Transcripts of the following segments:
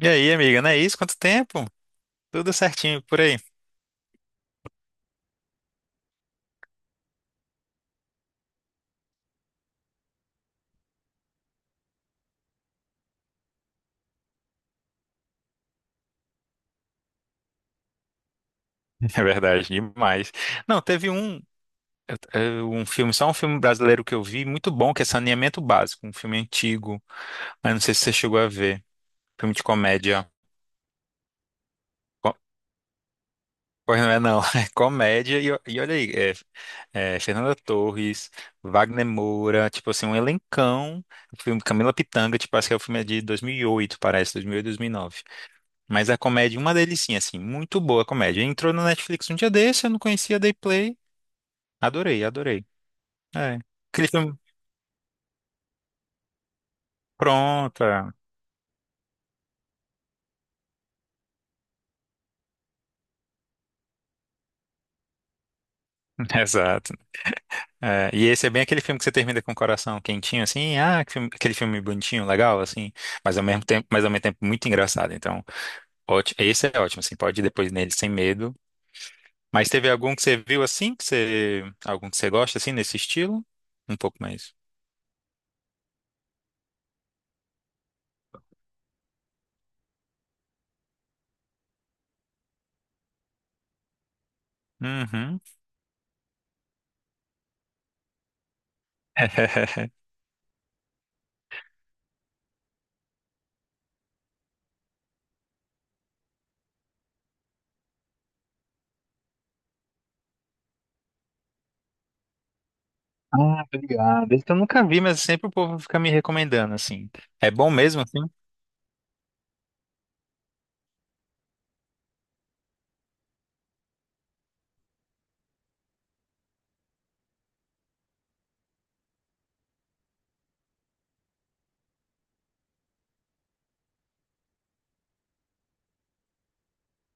E aí, amiga, não é isso? Quanto tempo? Tudo certinho por aí. É verdade, demais. Não, teve um filme, só um filme brasileiro que eu vi, muito bom, que é Saneamento Básico, um filme antigo, mas não sei se você chegou a ver. Filme de comédia. Co- Pois não é, não. É comédia. E olha aí, é, Fernanda Torres, Wagner Moura, tipo assim, um elencão. O filme Camila Pitanga, tipo, acho que é o filme é de 2008, parece, 2008, 2009. Mas a comédia, uma delicinha, assim, muito boa a comédia. Entrou no Netflix um dia desse, eu não conhecia, dei play. Adorei, adorei. É. Aquele filme. Pronto. É. Exato. É, e esse é bem aquele filme que você termina com o coração quentinho, assim, ah, aquele filme bonitinho, legal, assim, mas ao mesmo tempo, muito engraçado. Então, ótimo, esse é ótimo, assim, pode ir depois nele sem medo. Mas teve algum que você viu assim, algum que você gosta assim nesse estilo? Um pouco mais. Uhum. Ah, obrigado. Esse eu nunca vi, mas sempre o povo fica me recomendando assim. É bom mesmo, assim?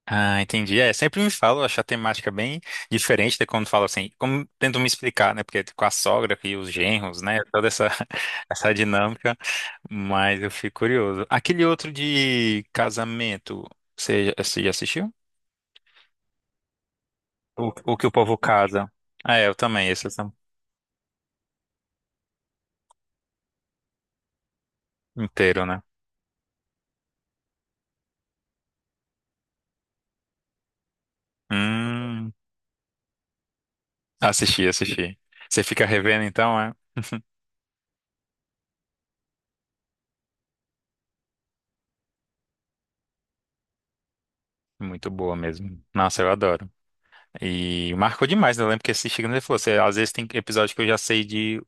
Ah, entendi. É, sempre me falo, acho a temática bem diferente de quando falo assim, como tento me explicar, né? Porque com a sogra e os genros, né? Toda essa, essa dinâmica, mas eu fico curioso. Aquele outro de casamento, você já assistiu? O que o povo casa. Ah, é, eu também, esse eu inteiro, né? Hum, Assisti, assisti. Você fica revendo então, é? Muito boa mesmo. Nossa, eu adoro. E marcou demais, né? Eu lembro que assistindo ele falou, você, às vezes tem episódio que eu já sei de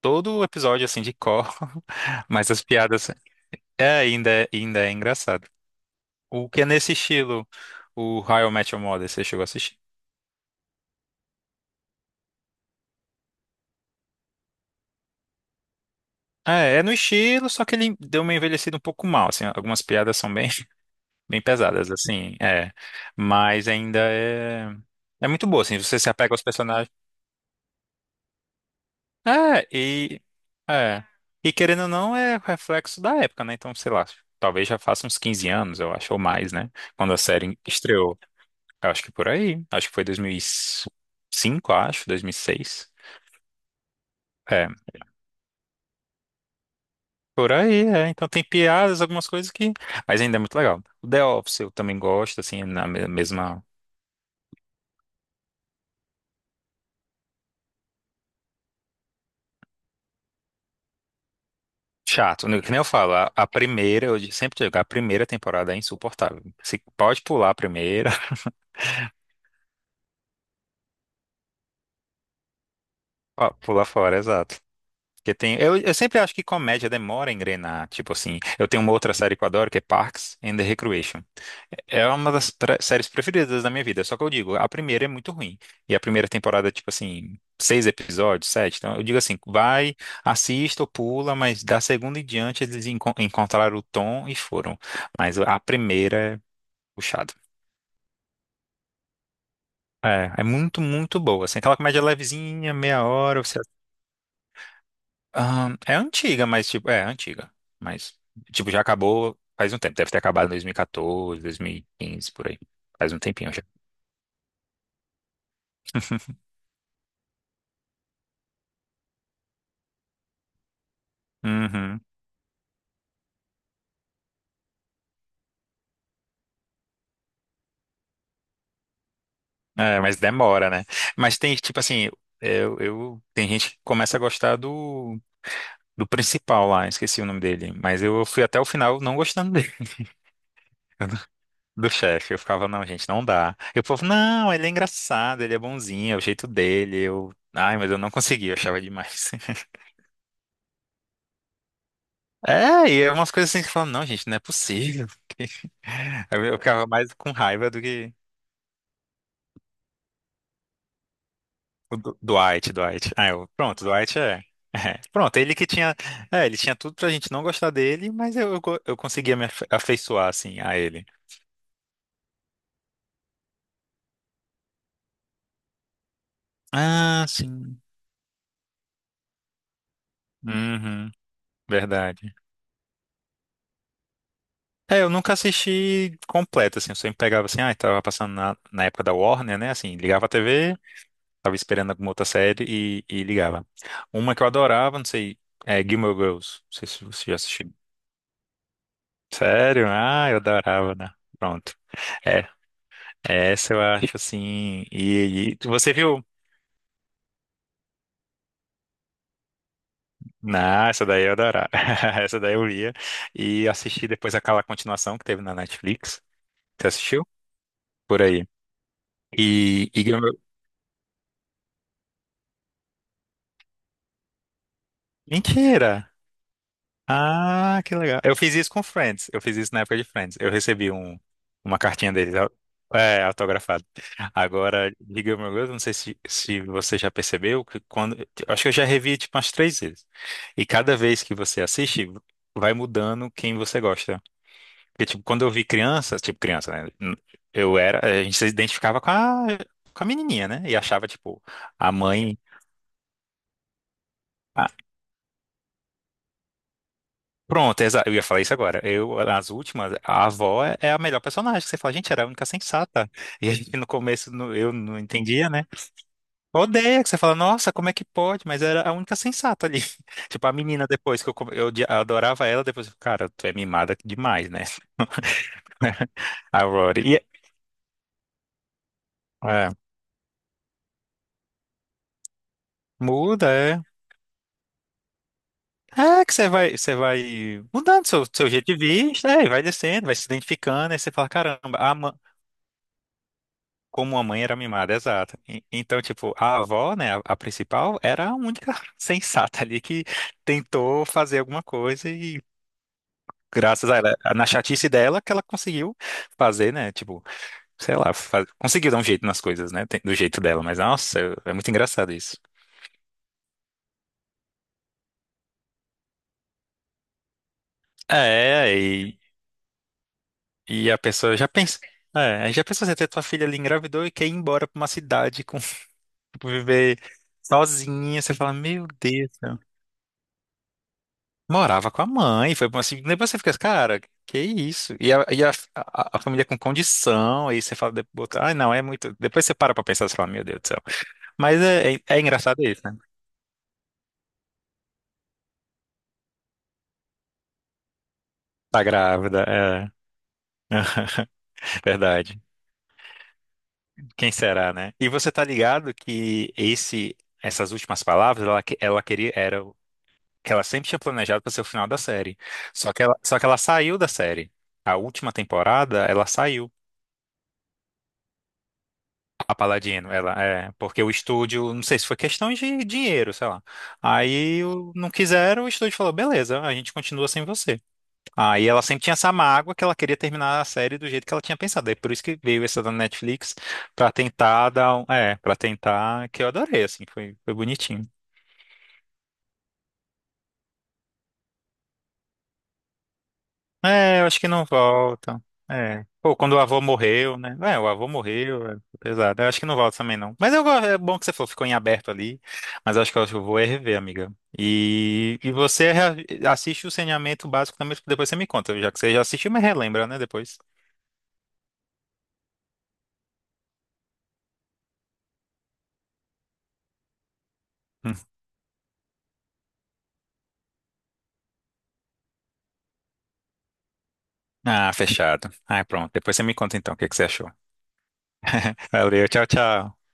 todo o episódio assim de cor, mas as piadas, ainda é engraçado. O que é nesse estilo, o How I Met Your Mother, você chegou a assistir? É no estilo, só que ele deu uma envelhecida um pouco mal, assim, algumas piadas são bem, bem pesadas, assim, é, mas ainda é muito boa, assim, você se apega aos personagens, é, e, é, e querendo ou não, é reflexo da época, né, então, sei lá, talvez já faça uns 15 anos, eu acho, ou mais, né, quando a série estreou. Eu acho que por aí. Acho que foi 2005, acho, 2006. É, por aí, é. Então tem piadas, algumas coisas que. Mas ainda é muito legal. O The Office eu também gosto, assim, na mesma. Chato, né? Que nem eu falo, a primeira, eu sempre digo, a primeira temporada é insuportável. Você pode pular a primeira. Ó, pular fora, é exato. Porque tem, eu sempre acho que comédia demora a engrenar. Tipo assim, eu tenho uma outra série que eu adoro, que é Parks and the Recreation. É uma das séries preferidas da minha vida. Só que eu digo, a primeira é muito ruim. E a primeira temporada, é, tipo assim, seis episódios, sete. Então eu digo assim, vai, assista ou pula, mas da segunda em diante eles encontraram o tom e foram. Mas a primeira é puxada. É muito, muito boa. Assim, aquela comédia levezinha, meia hora, você é antiga, mas tipo, é antiga. Mas, tipo, já acabou faz um tempo. Deve ter acabado em 2014, 2015, por aí. Faz um tempinho já. Uhum. É, mas demora, né? Mas tem, tipo assim, tem gente que começa a gostar do principal lá, esqueci o nome dele. Mas eu fui até o final não gostando dele, do chefe. Eu ficava, não, gente, não dá. E o povo, não, ele é engraçado, ele é bonzinho, é o jeito dele. Eu, ai, mas eu não consegui, eu achava demais. É, e é umas coisas assim que falam, não, gente, não é possível. Eu ficava mais com raiva do que o Dwight, Dwight. Ah, eu, pronto, Dwight é. Pronto, ele que tinha. É, ele tinha tudo pra gente não gostar dele, mas eu conseguia me afeiçoar, assim, a ele. Ah, sim. Uhum, verdade. É, eu nunca assisti completo, assim, eu sempre pegava assim, ah, tava passando na época da Warner, né? Assim, ligava a TV. Tava esperando alguma outra série e ligava. Uma que eu adorava, não sei, é Gilmore Girls. Não sei se você já assistiu. Sério? Ah, eu adorava, né? Pronto. É, essa eu acho assim. E você viu? Não, essa daí eu adorava. Essa daí eu via. E assisti depois aquela continuação que teve na Netflix. Você assistiu? Por aí. E Gilmore... Mentira! Ah, que legal. Eu fiz isso com Friends. Eu fiz isso na época de Friends. Eu recebi uma cartinha deles, autografada. Agora, Big Little Girls, não sei se você já percebeu que quando. Acho que eu já revi tipo umas três vezes. E cada vez que você assiste, vai mudando quem você gosta. Porque, tipo, quando eu vi criança, tipo criança, né? Eu era. A gente se identificava com a menininha, né? E achava, tipo, a mãe. Pronto, eu ia falar isso agora. Eu, nas últimas, a avó é a melhor personagem, que você fala, gente, era a única sensata. E a gente no começo eu não entendia, né? Odeia, que você fala, nossa, como é que pode? Mas era a única sensata ali. Tipo, a menina depois que eu, come- eu odi- adorava ela, depois, eu, cara, tu é mimada demais, né? A Rory. É, muda, é. É que você vai mudando seu jeito de vista, é, e vai descendo, vai se identificando, aí você fala, caramba, a Como a mãe era mimada, exato. Então, tipo, a avó, né, a principal, era a única sensata ali que tentou fazer alguma coisa e graças a ela, na chatice dela, que ela conseguiu fazer, né, tipo, sei lá, conseguiu dar um jeito nas coisas, né, do jeito dela, mas nossa, é muito engraçado isso. É, e a pessoa já pensa, é, já pensou você ter tua filha ali engravidou e quer ir embora pra uma cidade com, viver sozinha, você fala, meu Deus. Morava com a mãe, foi bom assim. Depois você fica assim, cara, que isso? E a família com condição, aí você fala, depois, ai não, é muito. Depois você para pra pensar, você fala, meu Deus do céu. Mas é engraçado isso, né? Tá grávida, é. Verdade. Quem será, né? E você tá ligado que esse, essas últimas palavras, ela, ela queria, era o que ela sempre tinha planejado para ser o final da série. Só que ela saiu da série. A última temporada, ela saiu. A Paladino, ela é, porque o estúdio, não sei se foi questão de dinheiro, sei lá. Não quiseram, o estúdio falou, beleza, a gente continua sem você. Aí ela sempre tinha essa mágoa que ela queria terminar a série do jeito que ela tinha pensado. Aí por isso que veio essa da Netflix pra tentar dar, para tentar, que eu adorei assim, foi bonitinho. É, eu acho que não volta. É. Pô, quando o avô morreu, né? É, o avô morreu, é pesado. Eu acho que não volta também, não. Mas é bom que você falou, ficou em aberto ali. Mas eu acho que eu vou é rever, amiga. E você assiste o saneamento básico também, depois você me conta, já que você já assistiu, mas relembra, né, depois. Hum. Ah, fechado. Ah, pronto. Depois você me conta então o que que você achou. Valeu, tchau, tchau.